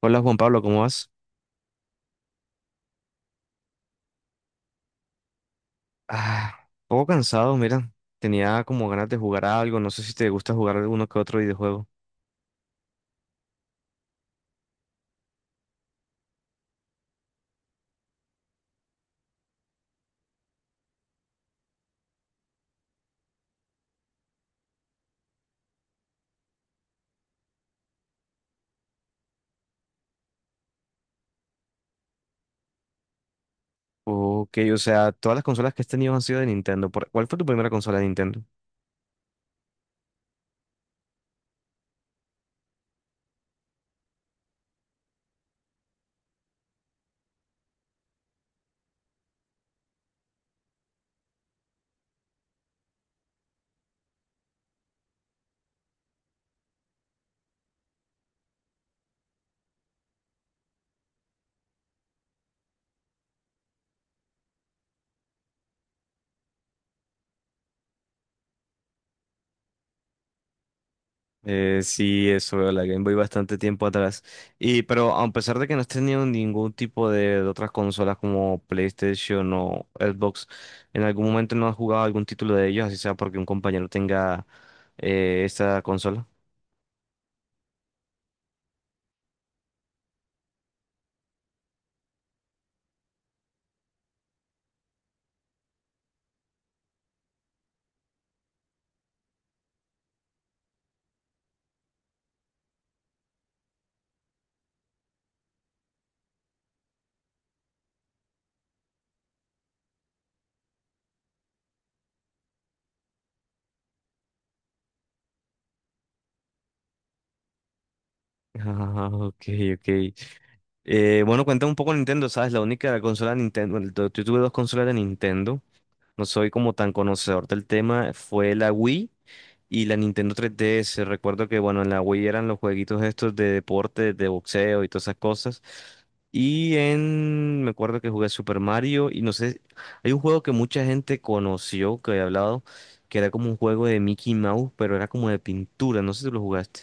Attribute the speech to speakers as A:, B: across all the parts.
A: Hola Juan Pablo, ¿cómo vas? Ah, un poco cansado, mira. Tenía como ganas de jugar a algo. No sé si te gusta jugar alguno que otro videojuego. Ok, o sea, todas las consolas que has tenido han sido de Nintendo. ¿Cuál fue tu primera consola de Nintendo? Sí, eso, la Game Boy bastante tiempo atrás. Y pero a pesar de que no has tenido ningún tipo de otras consolas como PlayStation o Xbox, ¿en algún momento no has jugado algún título de ellos, así sea porque un compañero tenga esta consola? Ah, ok, ok. Bueno, cuéntame un poco Nintendo, ¿sabes? La única consola de Nintendo, bueno, yo tuve dos consolas de Nintendo, no soy como tan conocedor del tema, fue la Wii y la Nintendo 3DS. Recuerdo que, bueno, en la Wii eran los jueguitos estos de deporte, de boxeo y todas esas cosas. Y me acuerdo que jugué Super Mario y no sé, hay un juego que mucha gente conoció, que había hablado, que era como un juego de Mickey Mouse, pero era como de pintura, no sé si lo jugaste.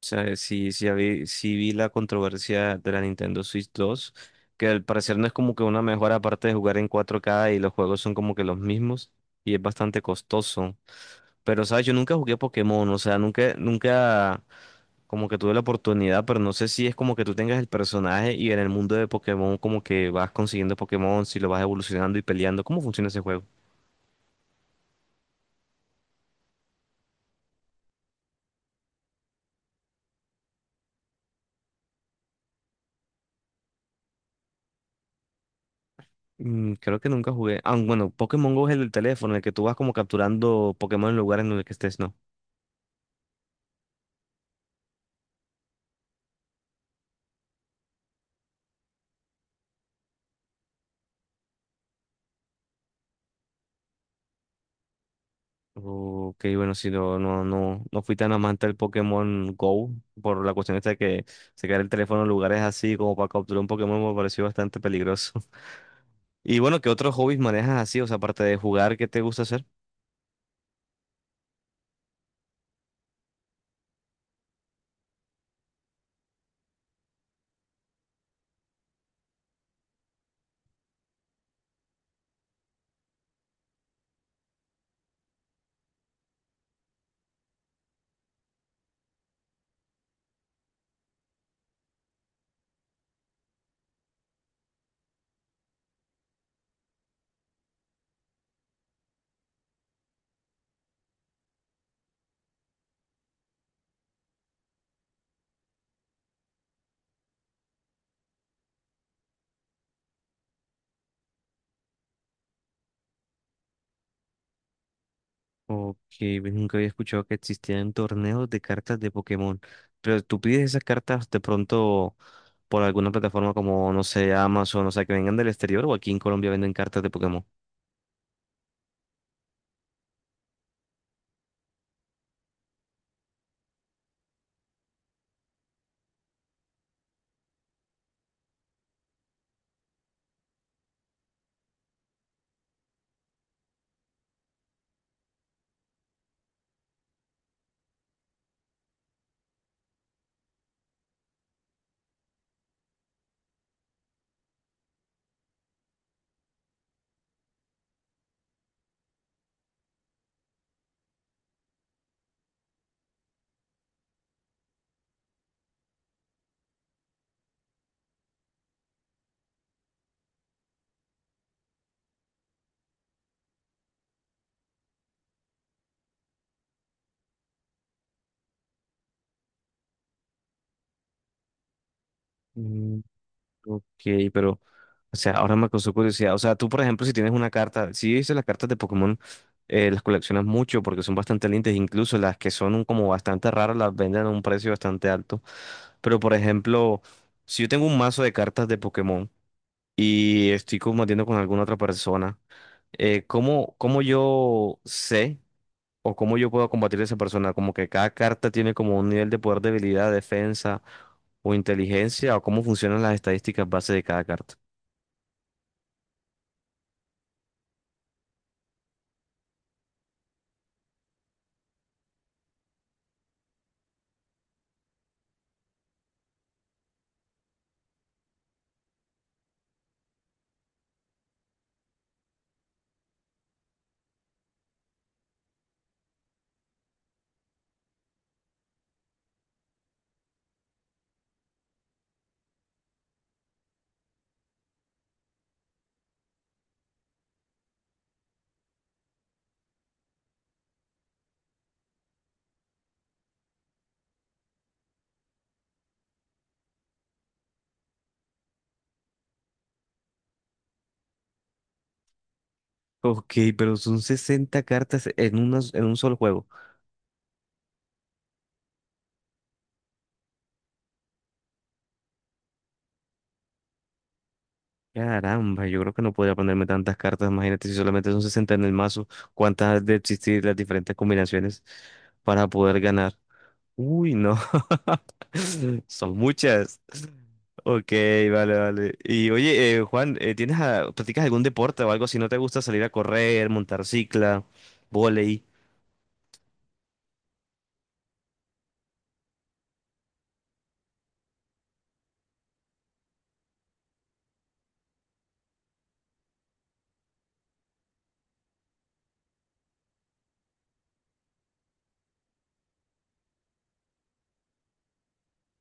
A: O sea, sí, sí, sí vi la controversia de la Nintendo Switch 2, que al parecer no es como que una mejora aparte de jugar en 4K y los juegos son como que los mismos y es bastante costoso. Pero, ¿sabes? Yo nunca jugué Pokémon, o sea, nunca, nunca como que tuve la oportunidad, pero no sé si es como que tú tengas el personaje y en el mundo de Pokémon como que vas consiguiendo Pokémon, si lo vas evolucionando y peleando. ¿Cómo funciona ese juego? Creo que nunca jugué. Ah, bueno, Pokémon Go es el del teléfono, el que tú vas como capturando Pokémon en lugares en el que estés, ¿no? Ok, bueno, si no fui tan amante del Pokémon Go por la cuestión esta de que sacar el teléfono en lugares así como para capturar un Pokémon me pareció bastante peligroso. Y bueno, ¿qué otros hobbies manejas así? O sea, aparte de jugar, ¿qué te gusta hacer? Ok, pues nunca había escuchado que existían torneos de cartas de Pokémon. Pero tú pides esas cartas de pronto por alguna plataforma como, no sé, Amazon, o sea, que vengan del exterior o aquí en Colombia venden cartas de Pokémon. Ok, pero, o sea, ahora me causó curiosidad. O sea, tú, por ejemplo, si tienes una carta, si dices las cartas de Pokémon, las coleccionas mucho porque son bastante lindas, incluso las que son como bastante raras las venden a un precio bastante alto. Pero, por ejemplo, si yo tengo un mazo de cartas de Pokémon y estoy combatiendo con alguna otra persona, ¿Cómo yo sé o cómo yo puedo combatir a esa persona? Como que cada carta tiene como un nivel de poder, debilidad, defensa o inteligencia, o cómo funcionan las estadísticas base de cada carta. Ok, pero son 60 cartas en, una, en un solo juego. Caramba, yo creo que no podía ponerme tantas cartas. Imagínate si solamente son 60 en el mazo, cuántas han de existir las diferentes combinaciones para poder ganar. Uy, no. Son muchas. Ok, vale, vale. Y oye, Juan, ¿ practicas algún deporte o algo? Si no te gusta salir a correr, montar cicla, volei.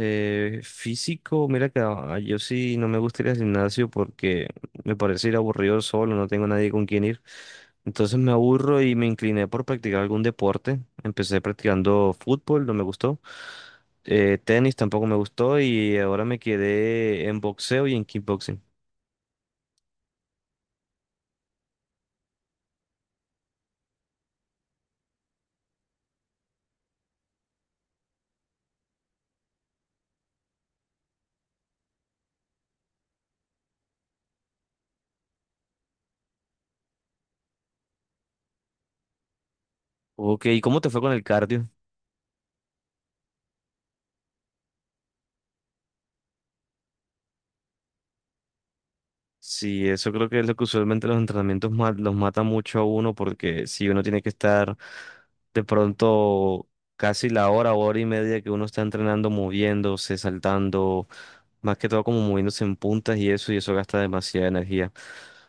A: Físico, mira que ah, yo sí no me gusta ir al gimnasio porque me parece ir aburrido solo, no tengo nadie con quien ir. Entonces me aburro y me incliné por practicar algún deporte. Empecé practicando fútbol, no me gustó. Tenis tampoco me gustó y ahora me quedé en boxeo y en kickboxing. Ok, ¿y cómo te fue con el cardio? Sí, eso creo que es lo que usualmente los entrenamientos los mata mucho a uno porque si uno tiene que estar de pronto casi la hora, hora y media que uno está entrenando, moviéndose, saltando, más que todo como moviéndose en puntas y eso gasta demasiada energía.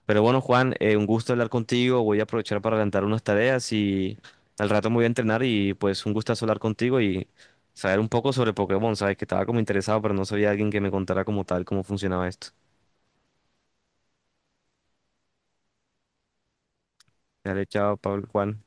A: Pero bueno, Juan, un gusto hablar contigo, voy a aprovechar para adelantar unas tareas y al rato me voy a entrenar y pues un gustazo hablar contigo y saber un poco sobre Pokémon, sabes que estaba como interesado, pero no sabía alguien que me contara como tal cómo funcionaba esto. Dale, chao, Pablo, Juan.